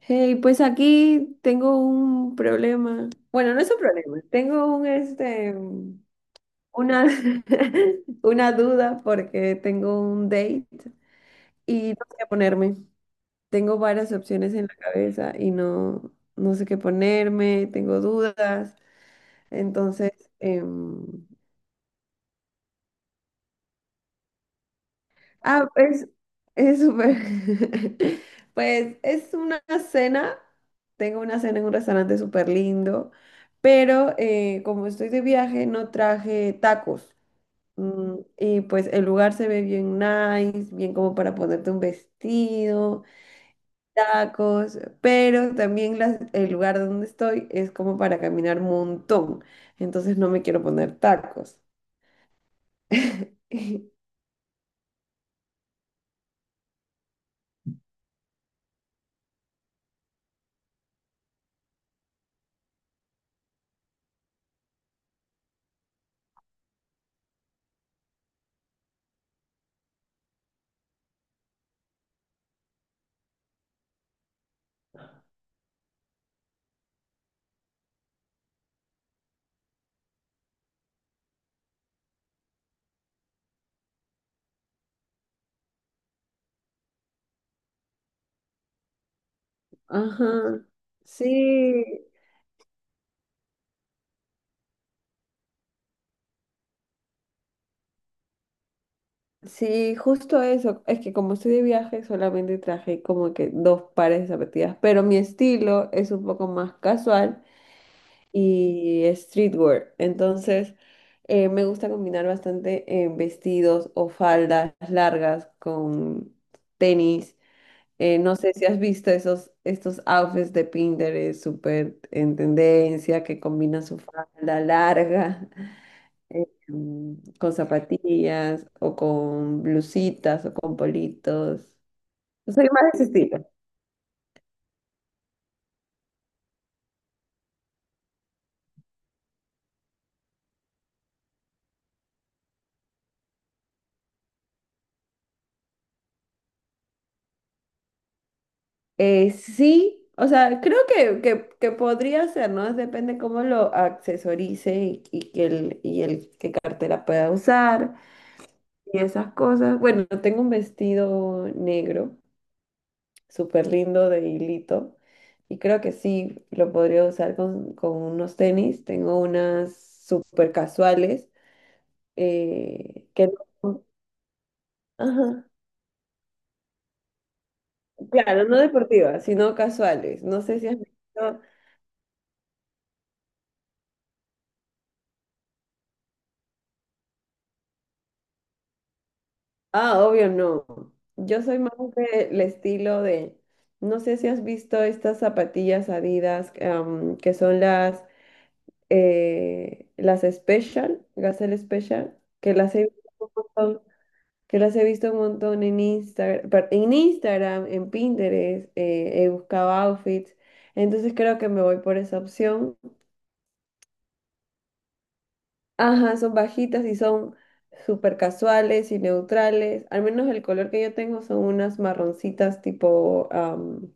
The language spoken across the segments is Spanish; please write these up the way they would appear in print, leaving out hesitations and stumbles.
Hey, pues aquí tengo un problema. Bueno, no es un problema, tengo un una una duda porque tengo un date y no sé qué ponerme. Tengo varias opciones en la cabeza y no sé qué ponerme, tengo dudas. Entonces, ah, pues es súper. Pues es una cena. Tengo una cena en un restaurante súper lindo, pero como estoy de viaje no traje tacos. Y pues el lugar se ve bien nice, bien como para ponerte un vestido, tacos, pero también el lugar donde estoy es como para caminar un montón. Entonces no me quiero poner tacos. Ajá. Sí, sí, justo eso. Es que como estoy de viaje, solamente traje como que dos pares de zapatillas, pero mi estilo es un poco más casual y streetwear. Entonces, me gusta combinar bastante vestidos o faldas largas con tenis. No sé si has visto estos outfits de Pinterest súper en tendencia que combinan su falda larga con zapatillas o con blusitas o con politos. Soy más de ese estilo. Sí, o sea, creo que podría ser, ¿no? Depende cómo lo accesorice y y el qué cartera pueda usar y esas cosas. Bueno, tengo un vestido negro, súper lindo de hilito, y creo que sí lo podría usar con unos tenis. Tengo unas súper casuales que no. Ajá. Claro, no deportivas, sino casuales. No sé si has visto. Ah, obvio no. Yo soy más del estilo de. No sé si has visto estas zapatillas Adidas que son las Special, Gazelle Special, que las he visto un montón, que las he visto un montón en Instagram, en Instagram, en Pinterest, he buscado outfits. Entonces creo que me voy por esa opción. Ajá, son bajitas y son súper casuales y neutrales. Al menos el color que yo tengo son unas marroncitas tipo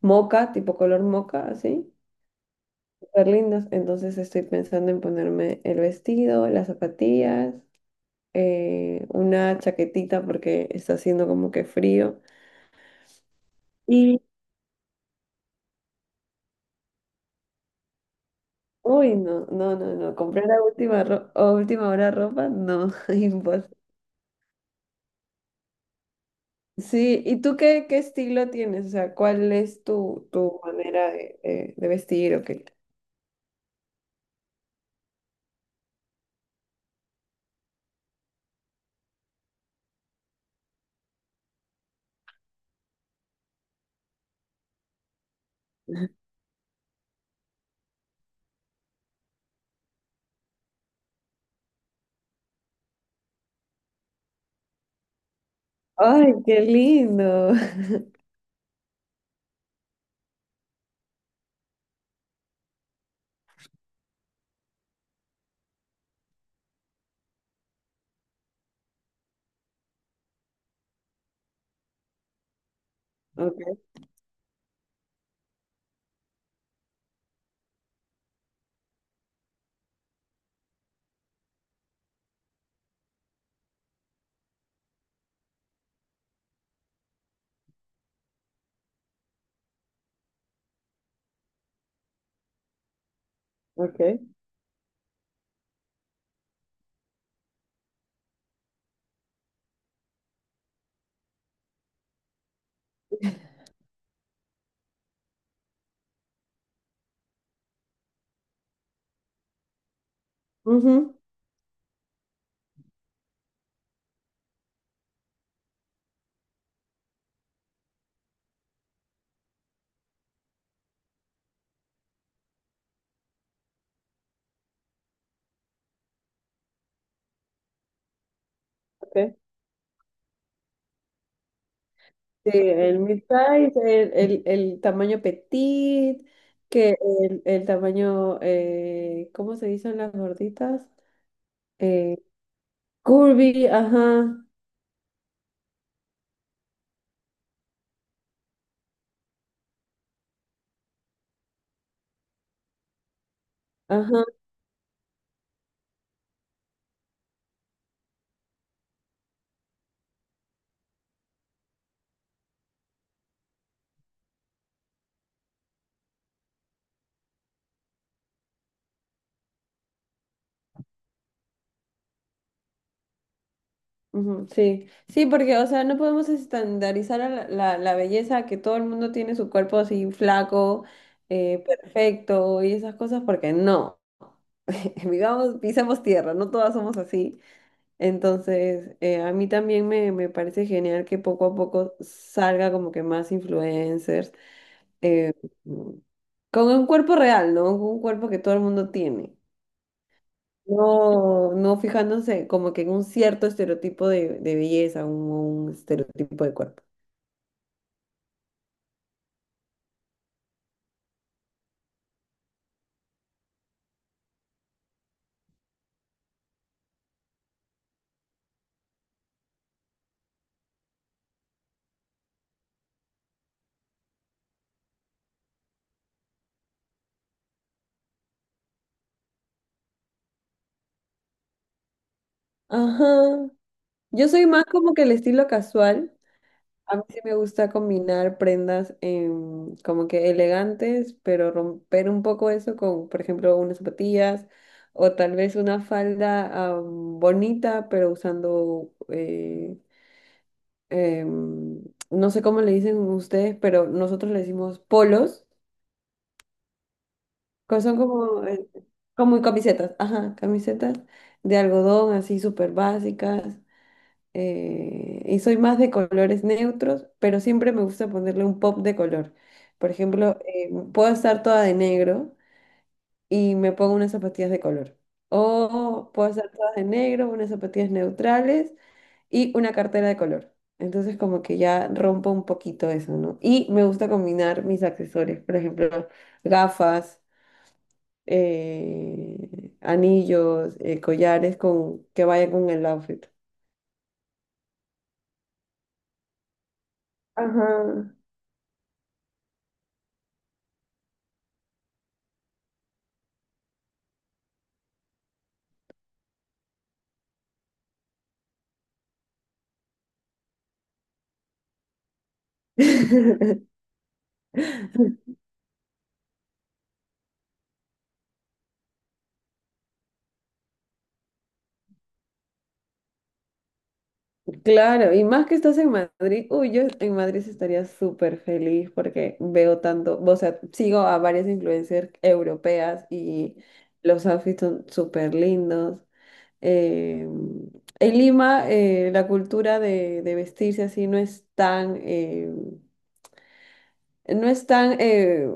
moca, tipo color moca, así. Súper lindas. Entonces estoy pensando en ponerme el vestido, las zapatillas, una chaquetita porque está haciendo como que frío. Y, uy, no, no, no, no. Comprar a última, a última hora ropa, no, imposible. Sí, ¿y tú qué estilo tienes? O sea, ¿cuál es tu manera de, de vestir o qué? ¡Ay, qué lindo! Ok, ok. Ujú, ok. Sí, el mid-size, el tamaño petit, que el tamaño, ¿cómo se dicen las gorditas? Eh, curvy, ajá, ajá. Ujú, sí, sí, porque, o sea, no podemos estandarizar a la belleza, que todo el mundo tiene su cuerpo así flaco, perfecto y esas cosas, porque no, vivamos, pisamos tierra, no todas somos así. Entonces, a mí también me parece genial que poco a poco salga como que más influencers, eh, con un cuerpo real, ¿no? Un cuerpo que todo el mundo tiene. No, no fijándose como que en un cierto estereotipo de belleza, un estereotipo de cuerpo. Ajá. Yo soy más como que el estilo casual. A mí sí me gusta combinar prendas como que elegantes, pero romper un poco eso con, por ejemplo, unas zapatillas o tal vez una falda bonita, pero usando, em, no sé cómo le dicen ustedes, pero nosotros le decimos polos. Son como, como camisetas, ajá, camisetas de algodón así súper básicas. Y soy más de colores neutros, pero siempre me gusta ponerle un pop de color. Por ejemplo, puedo estar toda de negro y me pongo unas zapatillas de color. O puedo estar toda de negro, unas zapatillas neutrales y una cartera de color. Entonces como que ya rompo un poquito eso, ¿no? Y me gusta combinar mis accesorios, por ejemplo, gafas, anillos, collares con, que vayan con el outfit. Ajá. Claro, y más que estás en Madrid, uy, yo en Madrid sí estaría súper feliz porque veo tanto, o sea, sigo a varias influencers europeas y los outfits son súper lindos. Eh, en Lima, la cultura de vestirse así no es tan, no es tan,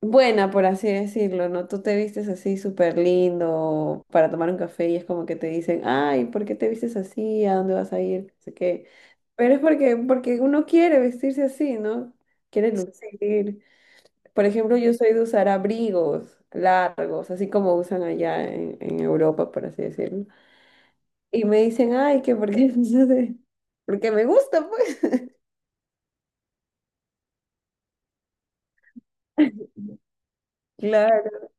buena, por así decirlo, ¿no? Tú te vistes así súper lindo para tomar un café y es como que te dicen, ay, ¿por qué te vistes así? ¿A dónde vas a ir? No sé qué. Pero es porque, porque uno quiere vestirse así, ¿no? Quiere lucir. Por ejemplo, yo soy de usar abrigos largos, así como usan allá en Europa, por así decirlo. Y me dicen, ay, que porque, no sé, porque me gusta, pues. Claro.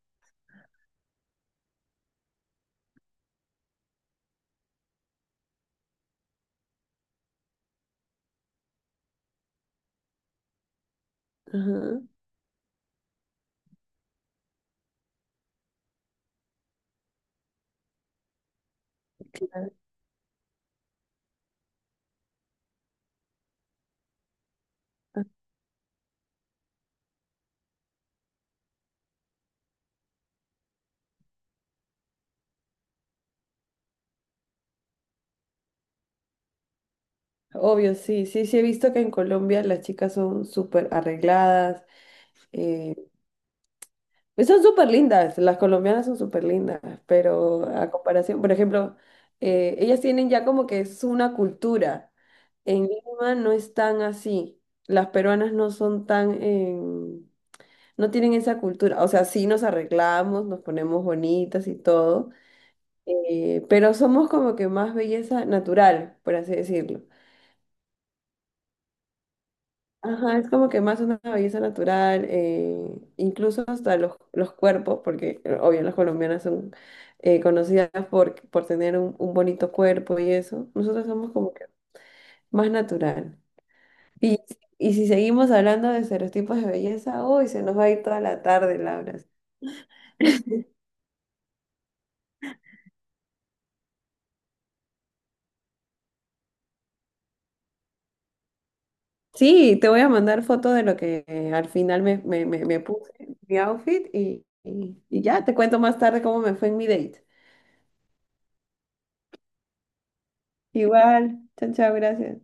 Ajá. Obvio, sí, sí, sí he visto que en Colombia las chicas son súper arregladas. Eh, pues son súper lindas, las colombianas son súper lindas, pero a comparación, por ejemplo, ellas tienen ya como que es una cultura. En Lima no es tan así. Las peruanas no son tan, no tienen esa cultura. O sea, sí nos arreglamos, nos ponemos bonitas y todo, pero somos como que más belleza natural, por así decirlo. Ajá, es como que más una belleza natural, incluso hasta los cuerpos, porque obvio las colombianas son conocidas por tener un bonito cuerpo y eso. Nosotros somos como que más natural. Y, y si seguimos hablando de estereotipos de belleza, uy, se nos va a ir toda la tarde, Laura. Sí, te voy a mandar fotos de lo que al final me puse, mi outfit, y ya te cuento más tarde cómo me fue en mi date. Igual, chao, chao, gracias.